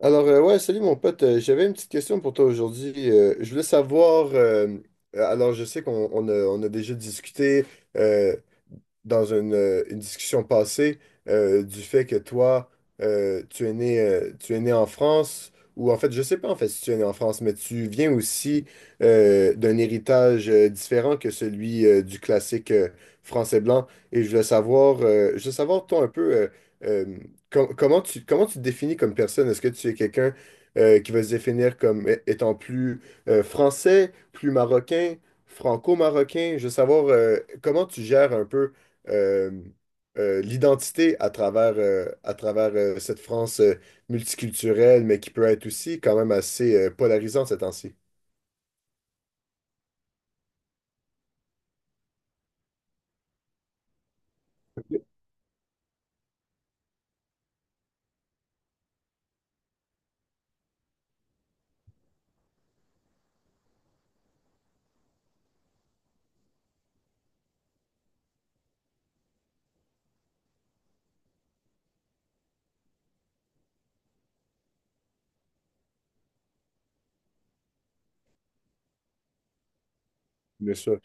Alors, ouais, salut mon pote. J'avais une petite question pour toi aujourd'hui. Je voulais savoir, alors je sais qu'on on a déjà discuté euh, dans une discussion passée du fait que toi, tu es né en France, ou en fait, je sais pas en fait si tu es né en France, mais tu viens aussi d'un héritage différent que celui du classique français blanc. Et je voulais savoir, je veux savoir toi un peu euh, comment tu te définis comme personne? Est-ce que tu es quelqu'un qui va se définir comme étant plus français, plus marocain? Franco-marocain. Je veux savoir comment tu gères un peu euh, l'identité à travers cette France multiculturelle, mais qui peut être aussi quand même assez polarisante ces temps-ci. Bien sûr.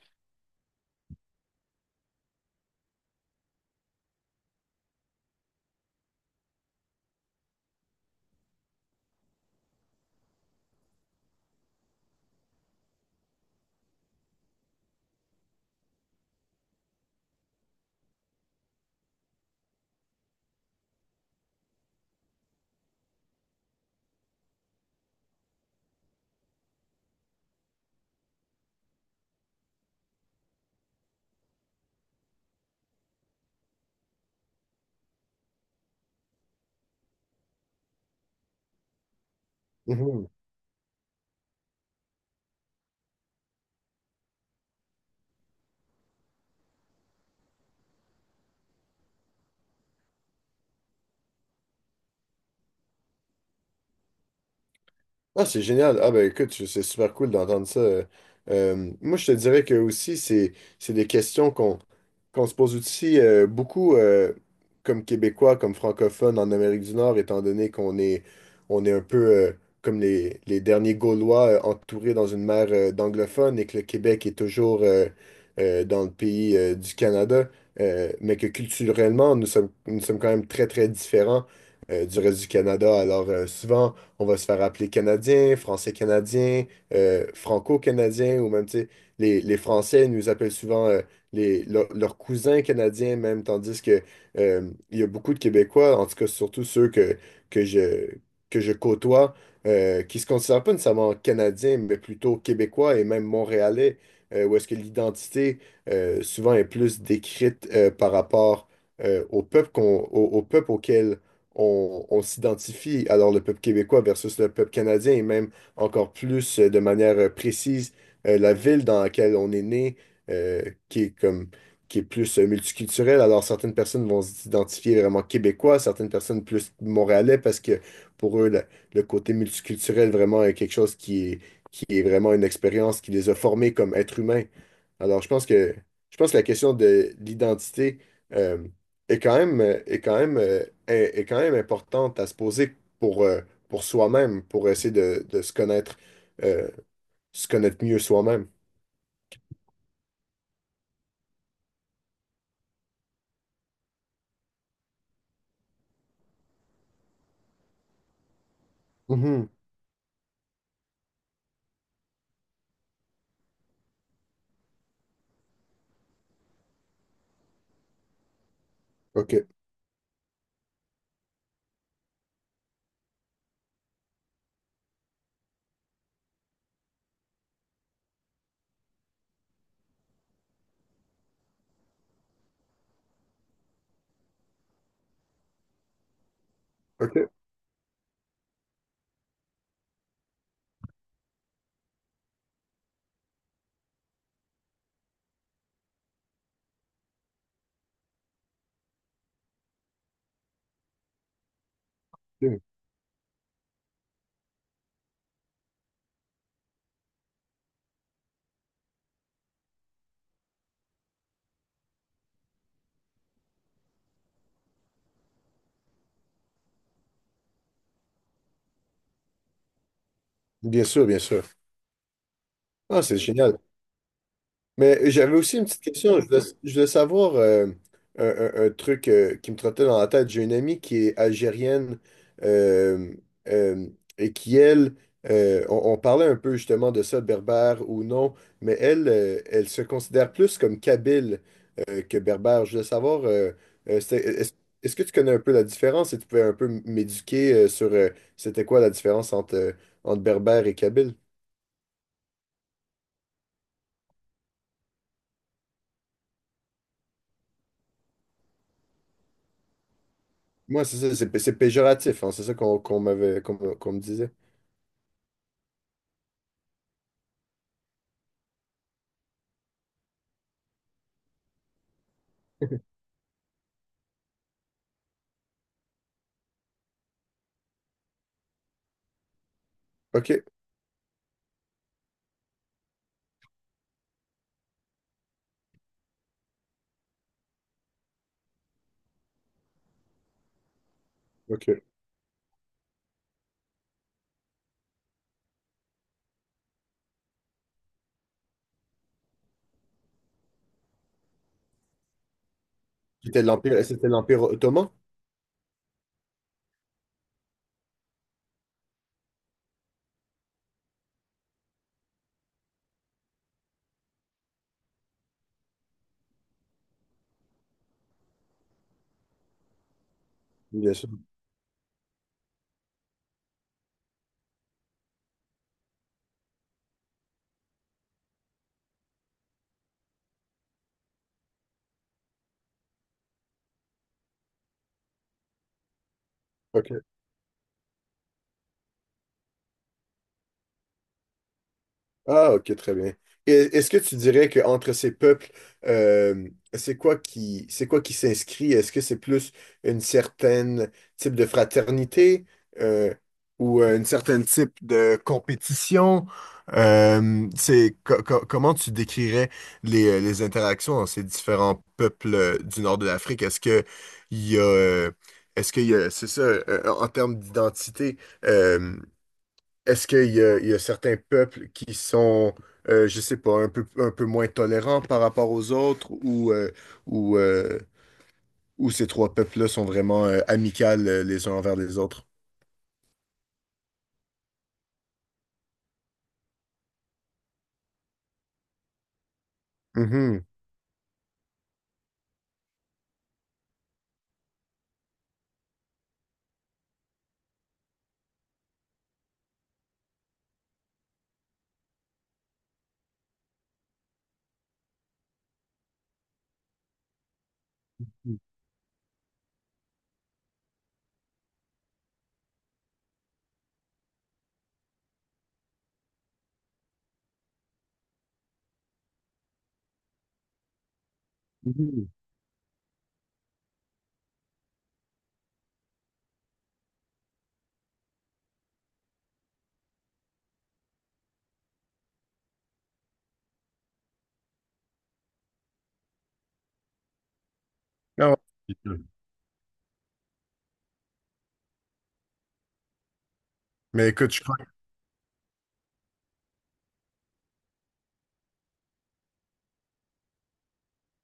Ah, c'est génial. Ah, ben écoute, c'est super cool d'entendre ça. Moi, je te dirais que aussi, c'est des questions qu'on se pose aussi beaucoup comme Québécois, comme francophones en Amérique du Nord, étant donné qu'on est, on est un peu comme les derniers Gaulois entourés dans une mer d'anglophones et que le Québec est toujours dans le pays du Canada, mais que culturellement, nous sommes quand même très, très différents du reste du Canada. Alors, souvent, on va se faire appeler Canadien, Français-Canadien, Franco-Canadien, ou même, tu sais, les Français nous appellent souvent les, leurs cousins canadiens même, tandis que il y a beaucoup de Québécois, en tout cas surtout ceux que je, que je côtoie, qui se considèrent pas nécessairement Canadiens, mais plutôt Québécois et même Montréalais, où est-ce que l'identité souvent est plus décrite par rapport au peuple qu'on, au, au peuple auquel on s'identifie. Alors, le peuple québécois versus le peuple canadien, et même encore plus de manière précise, la ville dans laquelle on est né, euh, qui est comme, qui est plus multiculturelle. Alors, certaines personnes vont s'identifier vraiment québécois, certaines personnes plus montréalais, parce que pour eux, le côté multiculturel vraiment est quelque chose qui est vraiment une expérience qui les a formés comme êtres humains. Alors, je pense que la question de l'identité euh, est quand même, est quand même, est, est quand même importante à se poser pour soi-même, pour essayer de euh, se connaître mieux soi-même. Mhm. OK. OK. Bien sûr, bien sûr. Ah, c'est génial. Mais j'avais aussi une petite question. Je voulais savoir un, un truc qui me trottait dans la tête. J'ai une amie qui est algérienne euh, euh, et qui, elle, on parlait un peu justement de ça, berbère ou non, mais elle, elle se considère plus comme kabyle que berbère. Je voulais savoir, euh, c'était- est-ce, est-ce que tu connais un peu la différence et tu pouvais un peu m'éduquer sur c'était quoi la différence entre, entre berbère et kabyle? Moi, c'est ça, c'est péjoratif, hein, c'est ça qu'on m'avait, qu'on me disait. Ok, ok. C'était l'Empire ottoman, bien sûr. Ok. Ah, ok, très bien. Et est-ce que tu dirais qu'entre ces peuples, c'est quoi qui s'inscrit? Est-ce que c'est plus une certaine type de fraternité euh, ou une certaine type de compétition? C'est, comment tu décrirais les interactions entre ces différents peuples du nord de l'Afrique? Est-ce que il y a, euh, est-ce qu'il y a, c'est ça, en termes d'identité? euh, Est-ce qu'il y a, il y a certains peuples qui sont, je sais pas, un peu moins tolérants par rapport aux autres ou, euh, ou ces trois peuples-là sont vraiment amicales les uns envers les autres? Mhm. Mhm. Ah ouais. Mais écoute, je.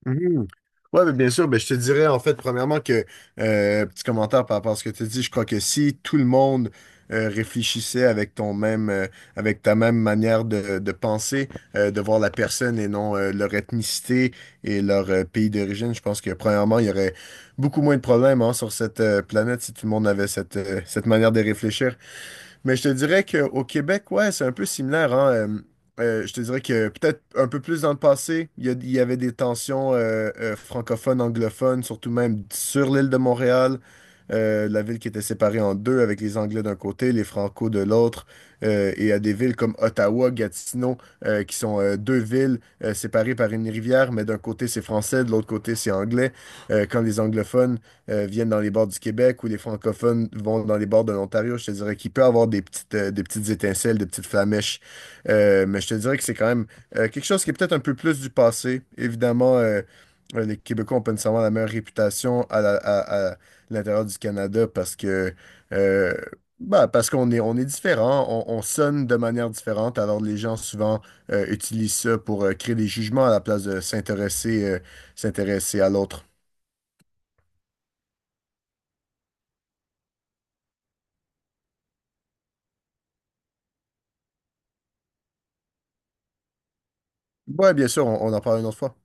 Mhm. Ouais, mais bien sûr, ben, je te dirais en fait, premièrement, que petit commentaire par rapport à ce que tu dis, je crois que si tout le monde réfléchissait avec ton même avec ta même manière de penser, de voir la personne et non leur ethnicité et leur pays d'origine, je pense que premièrement, il y aurait beaucoup moins de problèmes hein, sur cette planète si tout le monde avait cette, cette manière de réfléchir. Mais je te dirais qu'au Québec, ouais, c'est un peu similaire, hein. Je te dirais que peut-être un peu plus dans le passé, il y, il y avait des tensions francophones, anglophones, surtout même sur l'île de Montréal, la ville qui était séparée en deux avec les Anglais d'un côté, les Francos de l'autre, et à des villes comme Ottawa, Gatineau, qui sont deux villes séparées par une rivière, mais d'un côté c'est français, de l'autre côté c'est anglais. Quand les anglophones viennent dans les bords du Québec ou les francophones vont dans les bords de l'Ontario. Je te dirais qu'il peut avoir des petites étincelles, des petites flamèches. Mais je te dirais que c'est quand même quelque chose qui est peut-être un peu plus du passé. Évidemment, les Québécois ont pas nécessairement la meilleure réputation à l'intérieur du Canada parce que euh, bah, parce qu'on est, on est différent, on sonne de manière différente, alors les gens souvent utilisent ça pour créer des jugements à la place de s'intéresser s'intéresser à l'autre. Ouais, bien sûr, on en parle une autre fois.